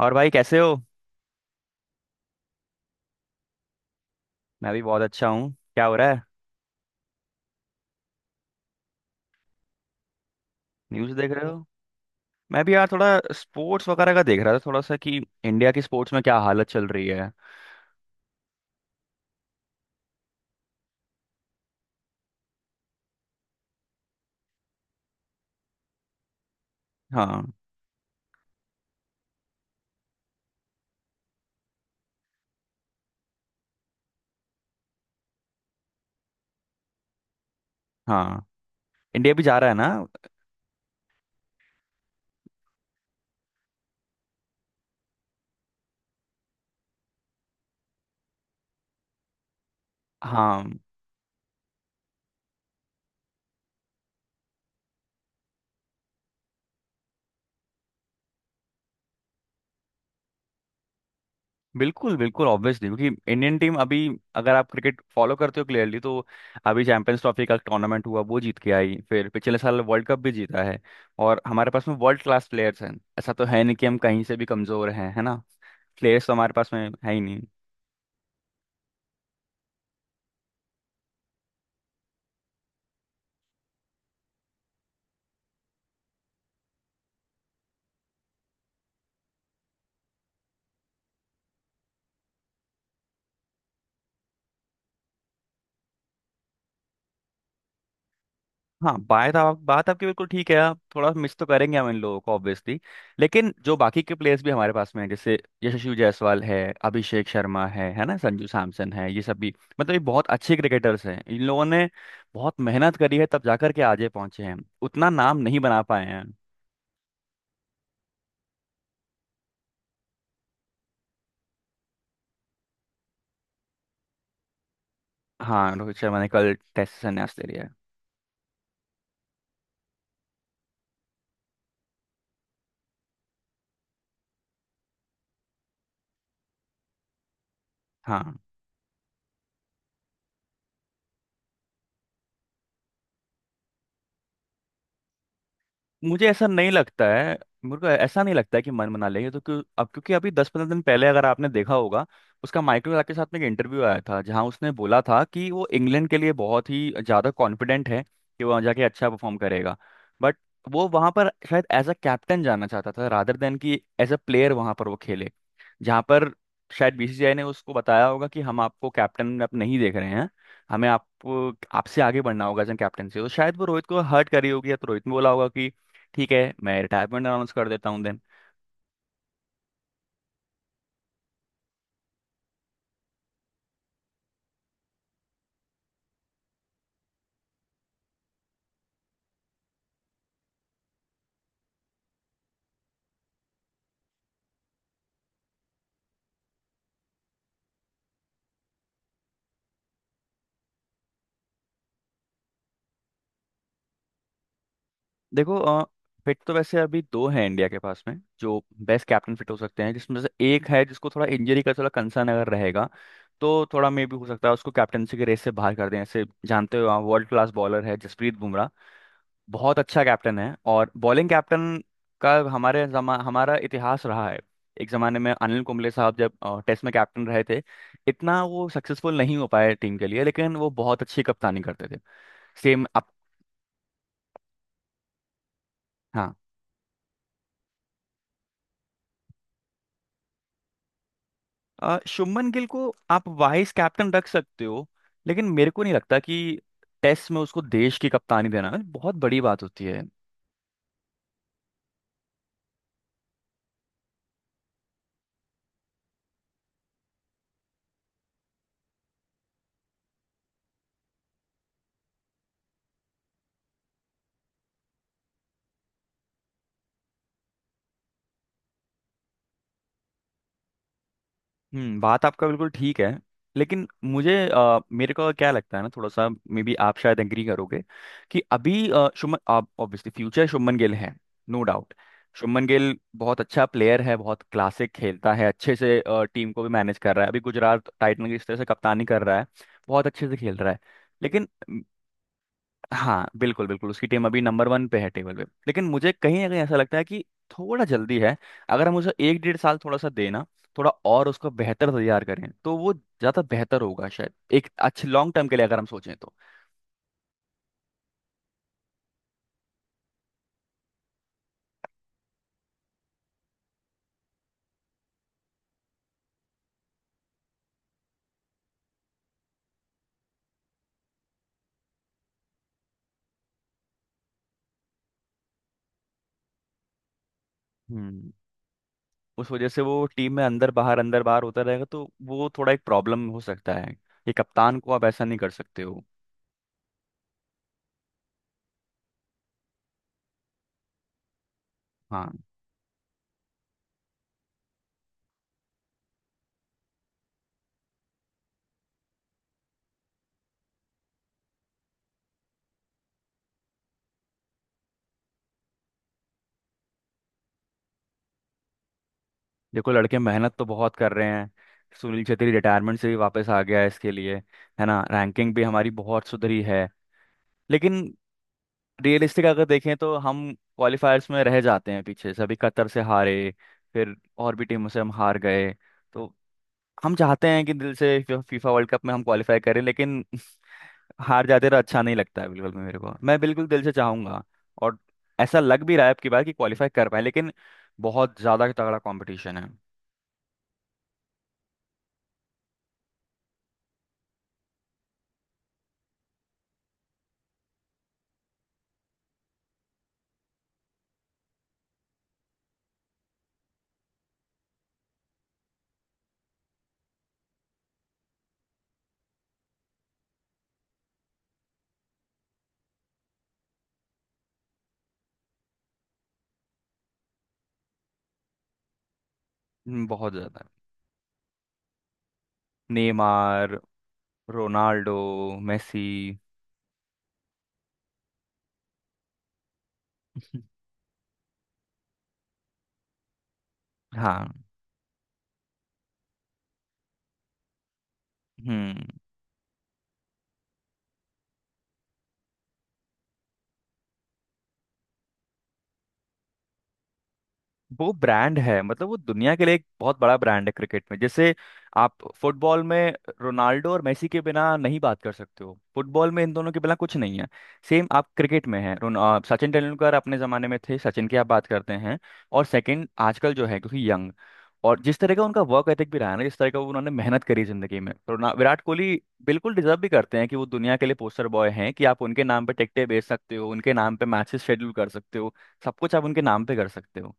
और भाई, कैसे हो। मैं भी बहुत अच्छा हूँ। क्या हो रहा है। न्यूज़ देख रहे हो। मैं भी यार थोड़ा स्पोर्ट्स वगैरह का देख रहा था, थोड़ा सा कि इंडिया की स्पोर्ट्स में क्या हालत चल रही है। हाँ हाँ। इंडिया भी जा रहा है ना। हाँ, बिल्कुल बिल्कुल, ऑब्वियसली, क्योंकि इंडियन टीम अभी, अगर आप क्रिकेट फॉलो करते हो क्लियरली, तो अभी चैंपियंस ट्रॉफी का टूर्नामेंट हुआ, वो जीत के आई, फिर पिछले साल वर्ल्ड कप भी जीता है। और हमारे पास में वर्ल्ड क्लास प्लेयर्स हैं। ऐसा तो है नहीं कि हम कहीं से भी कमज़ोर हैं, है ना। प्लेयर्स तो हमारे पास में है ही नहीं। हाँ, बात आपकी बिल्कुल ठीक है। आप थोड़ा मिस तो करेंगे हम इन लोगों को, ऑब्वियसली। लेकिन जो बाकी के प्लेयर्स भी हमारे पास में हैं, जैसे यशस्वी जायसवाल है, अभिषेक शर्मा है ना, संजू सैमसन है, ये सब भी, मतलब ये बहुत अच्छे क्रिकेटर्स हैं। इन लोगों ने बहुत मेहनत करी है तब जाकर के आज ये पहुंचे हैं। उतना नाम नहीं बना पाए हैं। हाँ, रोहित शर्मा ने कल टेस्ट से संन्यास ले लिया है। हाँ। मुझे ऐसा नहीं लगता है। मेरे को ऐसा नहीं लगता है कि मन बना लेंगे तो क्यों अब, क्योंकि अभी 10-15 दिन पहले, अगर आपने देखा होगा, उसका माइकल क्लार्क के साथ में एक इंटरव्यू आया था, जहां उसने बोला था कि वो इंग्लैंड के लिए बहुत ही ज़्यादा कॉन्फिडेंट है कि वो वहाँ जाके अच्छा परफॉर्म करेगा। बट वो वहाँ पर शायद एज अ कैप्टन जाना चाहता था, रादर देन कि एज अ प्लेयर वहाँ पर वो खेले। जहाँ पर शायद बीसीसीआई ने उसको बताया होगा कि हम आपको कैप्टन में आप नहीं देख रहे हैं, हमें आप आपसे आगे बढ़ना होगा एज कैप्टन से, तो शायद वो रोहित को हर्ट करी होगी, या तो रोहित ने बोला होगा, ठीक है मैं रिटायरमेंट अनाउंस कर देता हूँ देन। देखो फिट तो वैसे अभी दो हैं इंडिया के पास में, जो बेस्ट कैप्टन फिट हो सकते हैं। जिसमें से एक है जिसको थोड़ा इंजरी का थोड़ा कंसर्न अगर रहेगा, तो थोड़ा मे भी हो सकता है उसको कैप्टनसी के रेस से बाहर कर दें, ऐसे जानते हो, वर्ल्ड क्लास बॉलर है, जसप्रीत बुमराह। बहुत अच्छा कैप्टन है। और बॉलिंग कैप्टन का हमारे जमा हमारा इतिहास रहा है। एक जमाने में अनिल कुंबले साहब जब टेस्ट में कैप्टन रहे थे, इतना वो सक्सेसफुल नहीं हो पाए टीम के लिए, लेकिन वो बहुत अच्छी कप्तानी करते थे। सेम अब। हाँ, शुभमन गिल को आप वाइस कैप्टन रख सकते हो। लेकिन मेरे को नहीं लगता कि टेस्ट में उसको देश की कप्तानी देना बहुत बड़ी बात होती है। हम्म। बात आपका बिल्कुल ठीक है। लेकिन मेरे को क्या लगता है ना, थोड़ा सा मे बी आप शायद एग्री करोगे कि अभी शुभमन आप ऑब्वियसली फ्यूचर शुभमन गिल है, नो डाउट। शुभमन गिल बहुत अच्छा प्लेयर है, बहुत क्लासिक खेलता है, अच्छे से टीम को भी मैनेज कर रहा है, अभी गुजरात टाइटन की इस तरह से कप्तानी कर रहा है, बहुत अच्छे से खेल रहा है। लेकिन हाँ, बिल्कुल बिल्कुल, उसकी टीम अभी नंबर वन पे है टेबल पे। लेकिन मुझे कहीं ना कहीं ऐसा लगता है कि थोड़ा जल्दी है। अगर हम उसे एक डेढ़ साल थोड़ा सा देना, थोड़ा और उसको बेहतर तैयार करें, तो वो ज़्यादा बेहतर होगा, शायद एक अच्छे लॉन्ग टर्म के लिए अगर हम सोचें तो। हम्म उस वजह से वो टीम में अंदर बाहर होता रहेगा, तो वो थोड़ा एक प्रॉब्लम हो सकता है, ये कप्तान को आप ऐसा नहीं कर सकते हो। हाँ। देखो लड़के मेहनत तो बहुत कर रहे हैं। सुनील छेत्री रिटायरमेंट से भी वापस आ गया है इसके लिए, है ना। रैंकिंग भी हमारी बहुत सुधरी है। लेकिन रियलिस्टिक अगर देखें तो हम क्वालिफायर्स में रह जाते हैं पीछे से, अभी कतर से हारे, फिर और भी टीमों से हम हार गए। तो हम चाहते हैं कि दिल से फीफा वर्ल्ड कप में हम क्वालिफाई करें, लेकिन हार जाते तो अच्छा नहीं लगता है बिल्कुल भी मेरे को, मैं बिल्कुल दिल से चाहूंगा। और ऐसा लग भी रहा है अब की बार कि क्वालिफाई कर पाए, लेकिन बहुत ज़्यादा तगड़ा कंपटीशन है। बहुत ज़्यादा। Neymar, Ronaldo, Messi. हाँ। हम्म। वो ब्रांड है, मतलब वो दुनिया के लिए एक बहुत बड़ा ब्रांड है क्रिकेट में। जैसे आप फुटबॉल में रोनाल्डो और मेसी के बिना नहीं बात कर सकते हो, फुटबॉल में इन दोनों के बिना कुछ नहीं है। सेम आप क्रिकेट में है, सचिन तेंदुलकर अपने ज़माने में थे, सचिन की आप बात करते हैं। और सेकंड आजकल जो है, क्योंकि यंग, और जिस तरह का उनका वर्क एथिक भी रहा है ना, जिस तरह का उन्होंने मेहनत करी जिंदगी में, रोना विराट कोहली बिल्कुल डिजर्व भी करते हैं कि वो दुनिया के लिए पोस्टर बॉय हैं, कि आप उनके नाम पे टिकटें बेच सकते हो, उनके नाम पे मैचेस शेड्यूल कर सकते हो, सब कुछ आप उनके नाम पे कर सकते हो।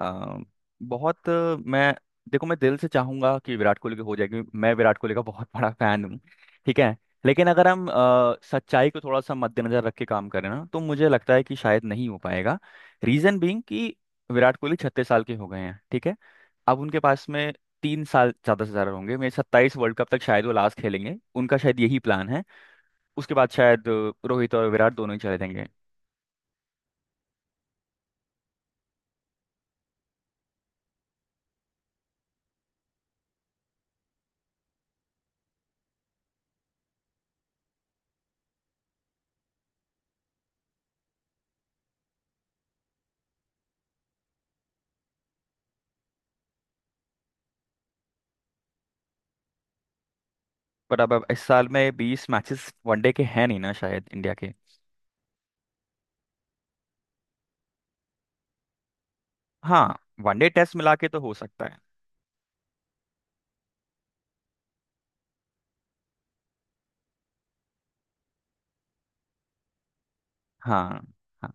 अ, बहुत अ, मैं देखो मैं दिल से चाहूंगा कि विराट कोहली के हो जाए, क्योंकि मैं विराट कोहली का बहुत बड़ा फैन हूँ, ठीक है। लेकिन अगर हम सच्चाई को थोड़ा सा मद्देनजर रख के काम करें ना, तो मुझे लगता है कि शायद नहीं हो पाएगा। रीजन बीइंग कि विराट कोहली 36 साल के हो गए हैं, ठीक है। अब उनके पास में 3 साल ज्यादा से ज्यादा होंगे मेरे, सत्ताईस वर्ल्ड कप तक शायद वो लास्ट खेलेंगे, उनका शायद यही प्लान है। उसके बाद शायद रोहित और विराट दोनों ही चले जाएंगे। पर अब इस साल में 20 मैचेस वनडे के हैं नहीं ना शायद, इंडिया के। हाँ, वनडे टेस्ट मिला के तो हो सकता है। हाँ हाँ,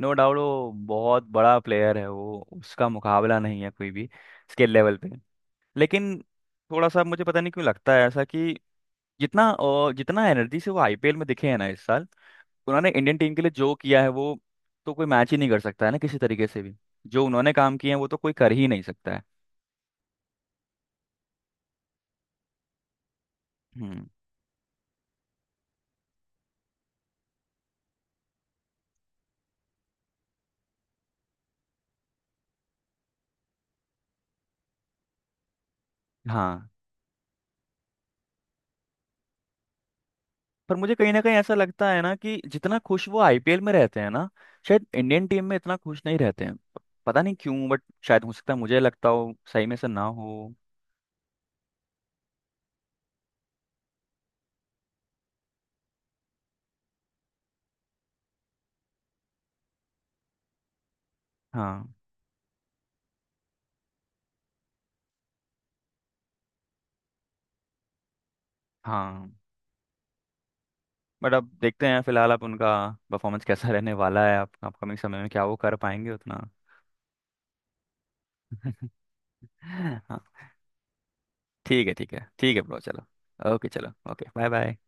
नो डाउट वो बहुत बड़ा प्लेयर है, वो उसका मुकाबला नहीं है कोई भी स्किल लेवल पे। लेकिन थोड़ा सा मुझे पता नहीं क्यों लगता है ऐसा कि जितना एनर्जी से वो आईपीएल में दिखे हैं ना इस साल, उन्होंने इंडियन टीम के लिए जो किया है, वो तो कोई मैच ही नहीं कर सकता है ना किसी तरीके से भी, जो उन्होंने काम किए हैं वो तो कोई कर ही नहीं सकता है। हम्म। हाँ, पर मुझे कहीं ना कहीं ऐसा लगता है ना कि जितना खुश वो आईपीएल में रहते हैं ना, शायद इंडियन टीम में इतना खुश नहीं रहते हैं, पता नहीं क्यों, बट शायद हो सकता है मुझे लगता हो, सही में से ना हो। हाँ हाँ, बट अब देखते हैं, फिलहाल अब उनका परफॉर्मेंस कैसा रहने वाला है, आप अपकमिंग समय में क्या वो कर पाएंगे उतना। हाँ। ठीक है ठीक है ठीक है ब्रो, चलो। ओके चलो, ओके। Bye bye.